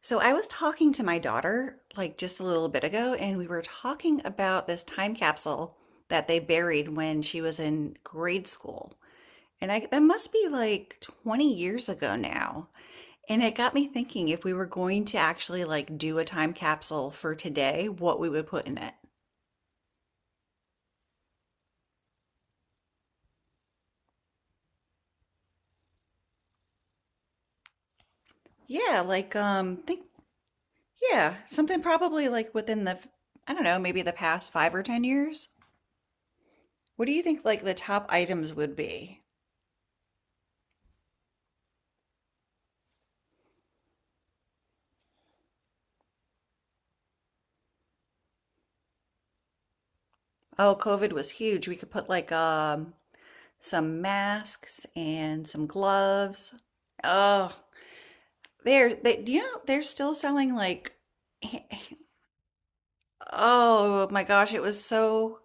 So I was talking to my daughter like just a little bit ago, and we were talking about this time capsule that they buried when she was in grade school. And I, that must be like 20 years ago now. And it got me thinking if we were going to actually like do a time capsule for today, what we would put in it. Yeah, like think yeah, something probably like within the I don't know, maybe the past 5 or 10 years. What do you think like the top items would be? Oh, COVID was huge. We could put like some masks and some gloves. Oh, they're they they're still selling like oh my gosh, it was so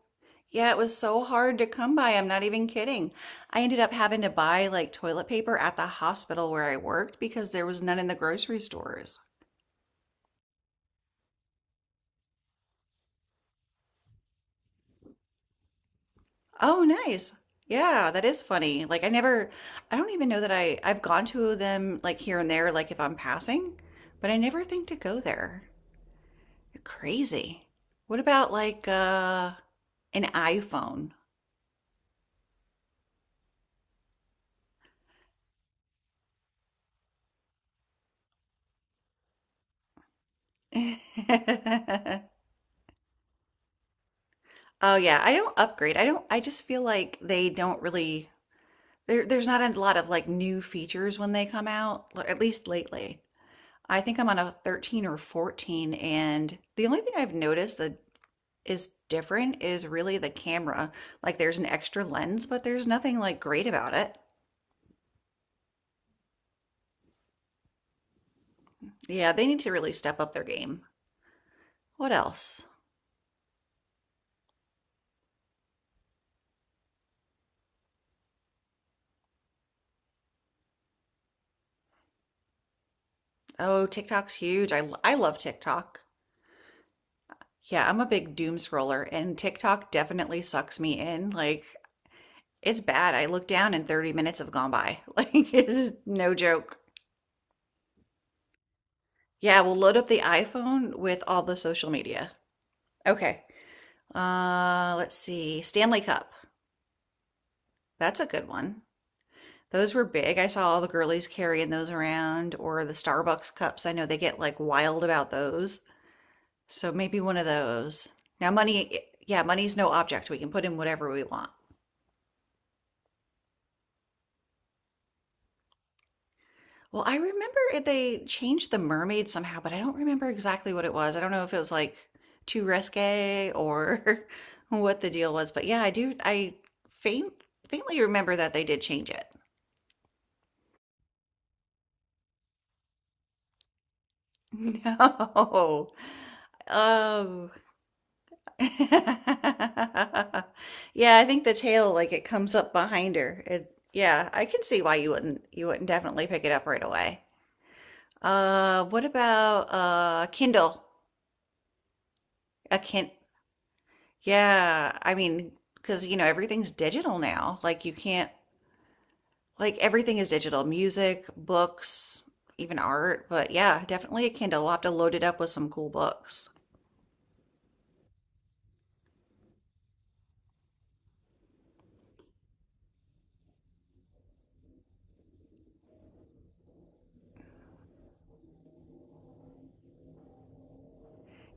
yeah, it was so hard to come by. I'm not even kidding. I ended up having to buy like toilet paper at the hospital where I worked because there was none in the grocery stores. Oh, nice. Yeah, that is funny. Like I never I don't even know that I've gone to them like here and there like if I'm passing, but I never think to go there. You're crazy. What about like an iPhone? Oh yeah, I don't upgrade. I don't I just feel like they don't really there's not a lot of like new features when they come out, at least lately. I think I'm on a 13 or 14, and the only thing I've noticed the is different is really the camera. Like, there's an extra lens, but there's nothing like great about it. Yeah, they need to really step up their game. What else? Oh, TikTok's huge. I love TikTok. Yeah, I'm a big doom scroller, and TikTok definitely sucks me in. Like, it's bad. I look down and 30 minutes have gone by. Like, it's no joke. Yeah, we'll load up the iPhone with all the social media. Okay. Let's see. Stanley Cup. That's a good one. Those were big. I saw all the girlies carrying those around, or the Starbucks cups. I know they get like wild about those. So maybe one of those. Now, money, yeah, money's no object. We can put in whatever we want. Well, I remember they changed the mermaid somehow, but I don't remember exactly what it was. I don't know if it was like too risque or what the deal was, but yeah, I do. I faint, faintly remember that they did change it. No. Oh, yeah, I think the tail like it comes up behind her. It, yeah, I can see why you wouldn't definitely pick it up right away. What about Kindle? A kin Yeah, I mean, because you know everything's digital now. Like you can't like everything is digital. Music, books, even art. But yeah, definitely a Kindle. We'll have to load it up with some cool books.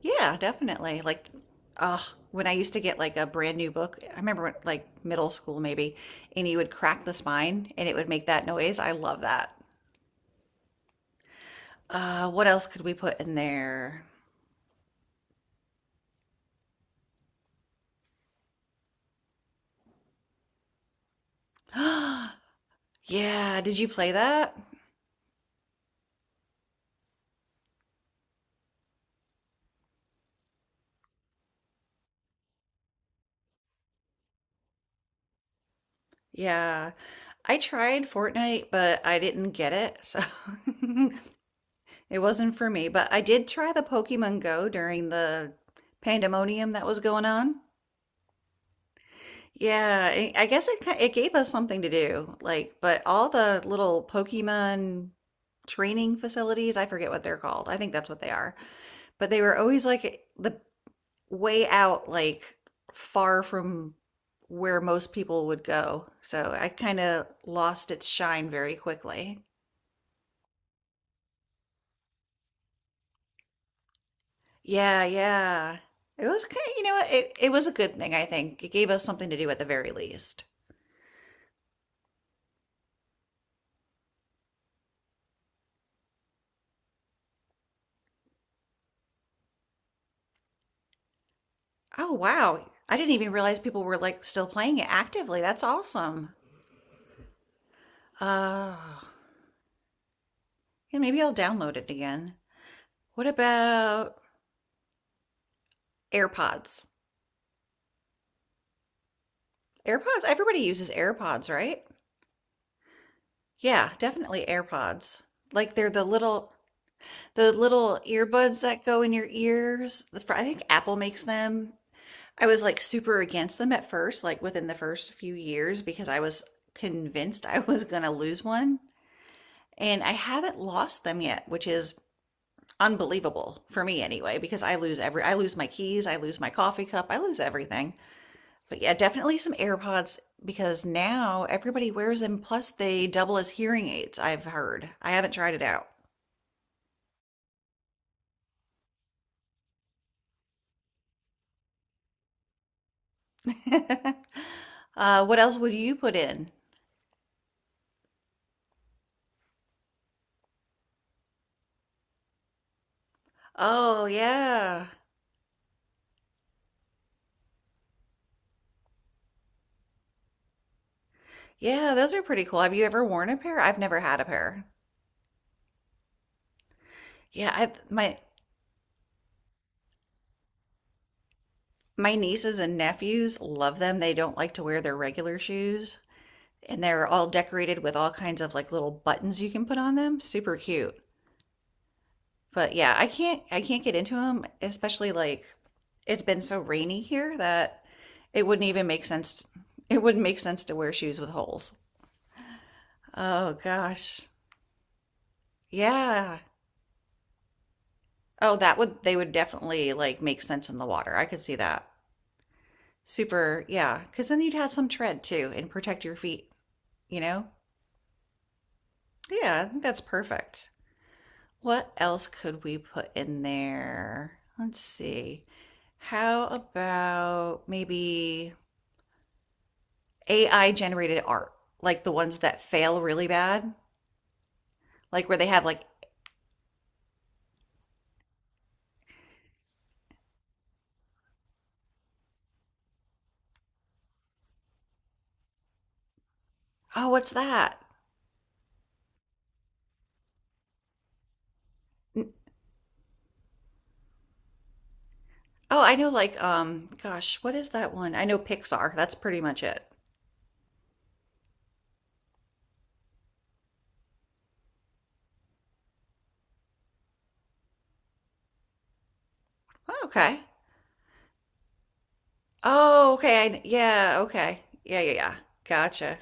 Yeah, definitely. Like, uh, when I used to get like a brand new book, I remember when, like middle school maybe, and you would crack the spine and it would make that noise. I love that. What else could we put in there? Yeah, did you play that? Yeah, I tried Fortnite, but I didn't get it, so it wasn't for me. But I did try the Pokemon Go during the pandemonium that was going on. Yeah, I guess it it gave us something to do. Like, but all the little Pokemon training facilities, I forget what they're called. I think that's what they are. But they were always like the way out, like far from where most people would go. So I kind of lost its shine very quickly. Yeah, yeah. It was kind of, you know what, it was a good thing, I think. It gave us something to do at the very least. Oh, wow. I didn't even realize people were like still playing it actively. That's awesome. Oh, yeah, maybe I'll download it again. What about AirPods? AirPods? Everybody uses AirPods, right? Yeah, definitely AirPods. Like they're the little earbuds that go in your ears. I think Apple makes them. I was like super against them at first, like within the first few years because I was convinced I was going to lose one, and I haven't lost them yet, which is unbelievable for me anyway because I lose every I lose my keys, I lose my coffee cup, I lose everything. But yeah, definitely some AirPods because now everybody wears them. Plus, they double as hearing aids, I've heard. I haven't tried it out. What else would you put in? Oh, yeah. Yeah, those are pretty cool. Have you ever worn a pair? I've never had a pair. Yeah, I my nieces and nephews love them. They don't like to wear their regular shoes, and they're all decorated with all kinds of like little buttons you can put on them. Super cute. But yeah, I can't get into them, especially like it's been so rainy here that it wouldn't even make sense it wouldn't make sense to wear shoes with holes. Oh gosh. Yeah. Oh, that would they would definitely like make sense in the water. I could see that. Super, yeah, because then you'd have some tread too and protect your feet, you know? Yeah, I think that's perfect. What else could we put in there? Let's see. How about maybe AI generated art, like the ones that fail really bad, like where they have like, oh, what's that? N- Oh, I know like gosh, what is that one? I know Pixar. That's pretty much it. Oh, okay. Oh, okay. Yeah, okay. Yeah, yeah, yeah. Gotcha.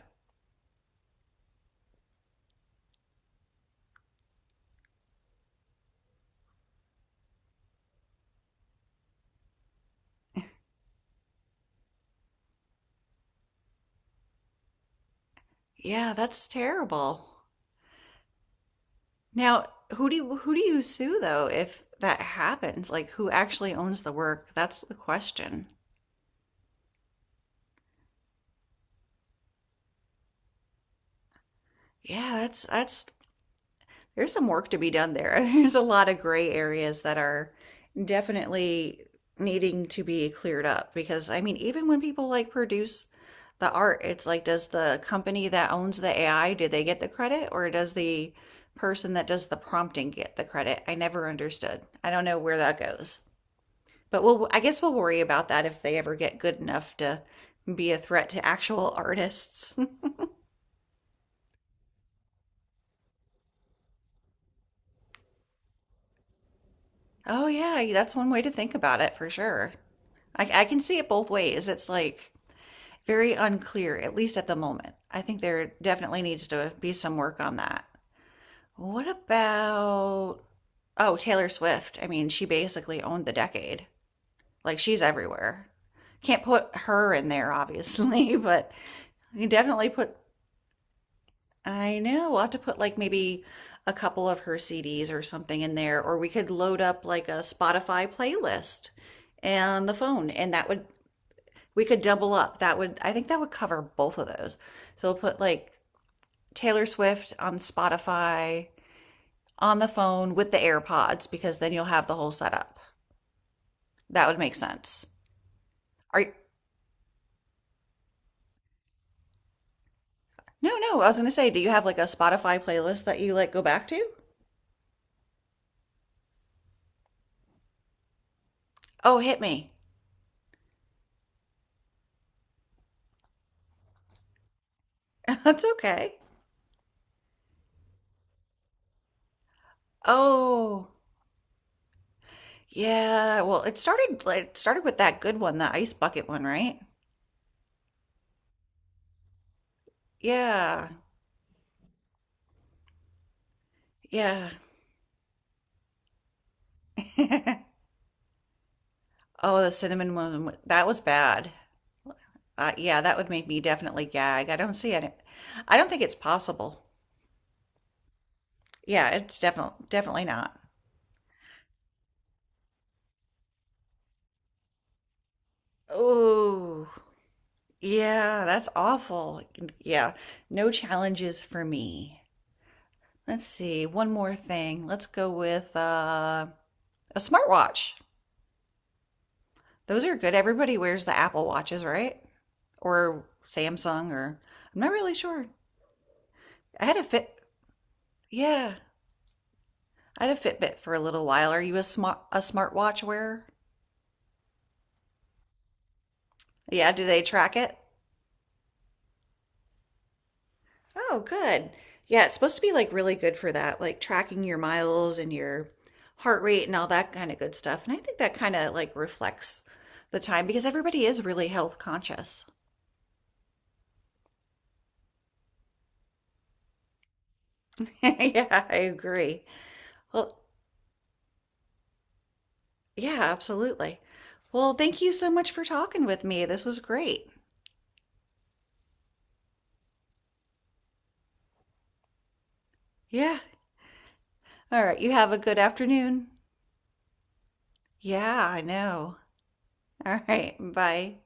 Yeah, that's terrible. Now, who do you sue though if that happens? Like who actually owns the work? That's the question. Yeah, that's there's some work to be done there. There's a lot of gray areas that are definitely needing to be cleared up because I mean, even when people like produce the art, it's like, does the company that owns the AI, do they get the credit, or does the person that does the prompting get the credit? I never understood. I don't know where that goes. But we'll, I guess we'll worry about that if they ever get good enough to be a threat to actual artists. Oh yeah, that's one way to think about it for sure. I can see it both ways. It's like very unclear, at least at the moment. I think there definitely needs to be some work on that. What about, oh, Taylor Swift? I mean, she basically owned the decade. Like she's everywhere. Can't put her in there, obviously, but you can definitely put I know. We'll have to put like maybe a couple of her CDs or something in there, or we could load up like a Spotify playlist and the phone, and that would we could double up. That would I think that would cover both of those. So we'll put like Taylor Swift on Spotify on the phone with the AirPods because then you'll have the whole setup. That would make sense. Are you, no, no, I was gonna say, do you have like a Spotify playlist that you like go back to? Oh, hit me. That's okay. Oh. Yeah, well, it started like it started with that good one, the ice bucket one, right? Yeah. Yeah. Oh, the cinnamon one, that was bad. Yeah, that would make me definitely gag. I don't see it. I don't think it's possible. Yeah, it's definitely definitely not. Oh, yeah, that's awful. Yeah, no challenges for me. Let's see, one more thing. Let's go with a smartwatch. Those are good. Everybody wears the Apple Watches, right? Or Samsung or I'm not really sure. I had a Fit. Yeah, I had a Fitbit for a little while. Are you a smartwatch wearer? Yeah, do they track it? Oh, good. Yeah, it's supposed to be like really good for that, like tracking your miles and your heart rate and all that kind of good stuff. And I think that kind of like reflects the time because everybody is really health conscious. Yeah, I agree. Well, yeah, absolutely. Well, thank you so much for talking with me. This was great. Yeah. All right. You have a good afternoon. Yeah, I know. All right. Bye.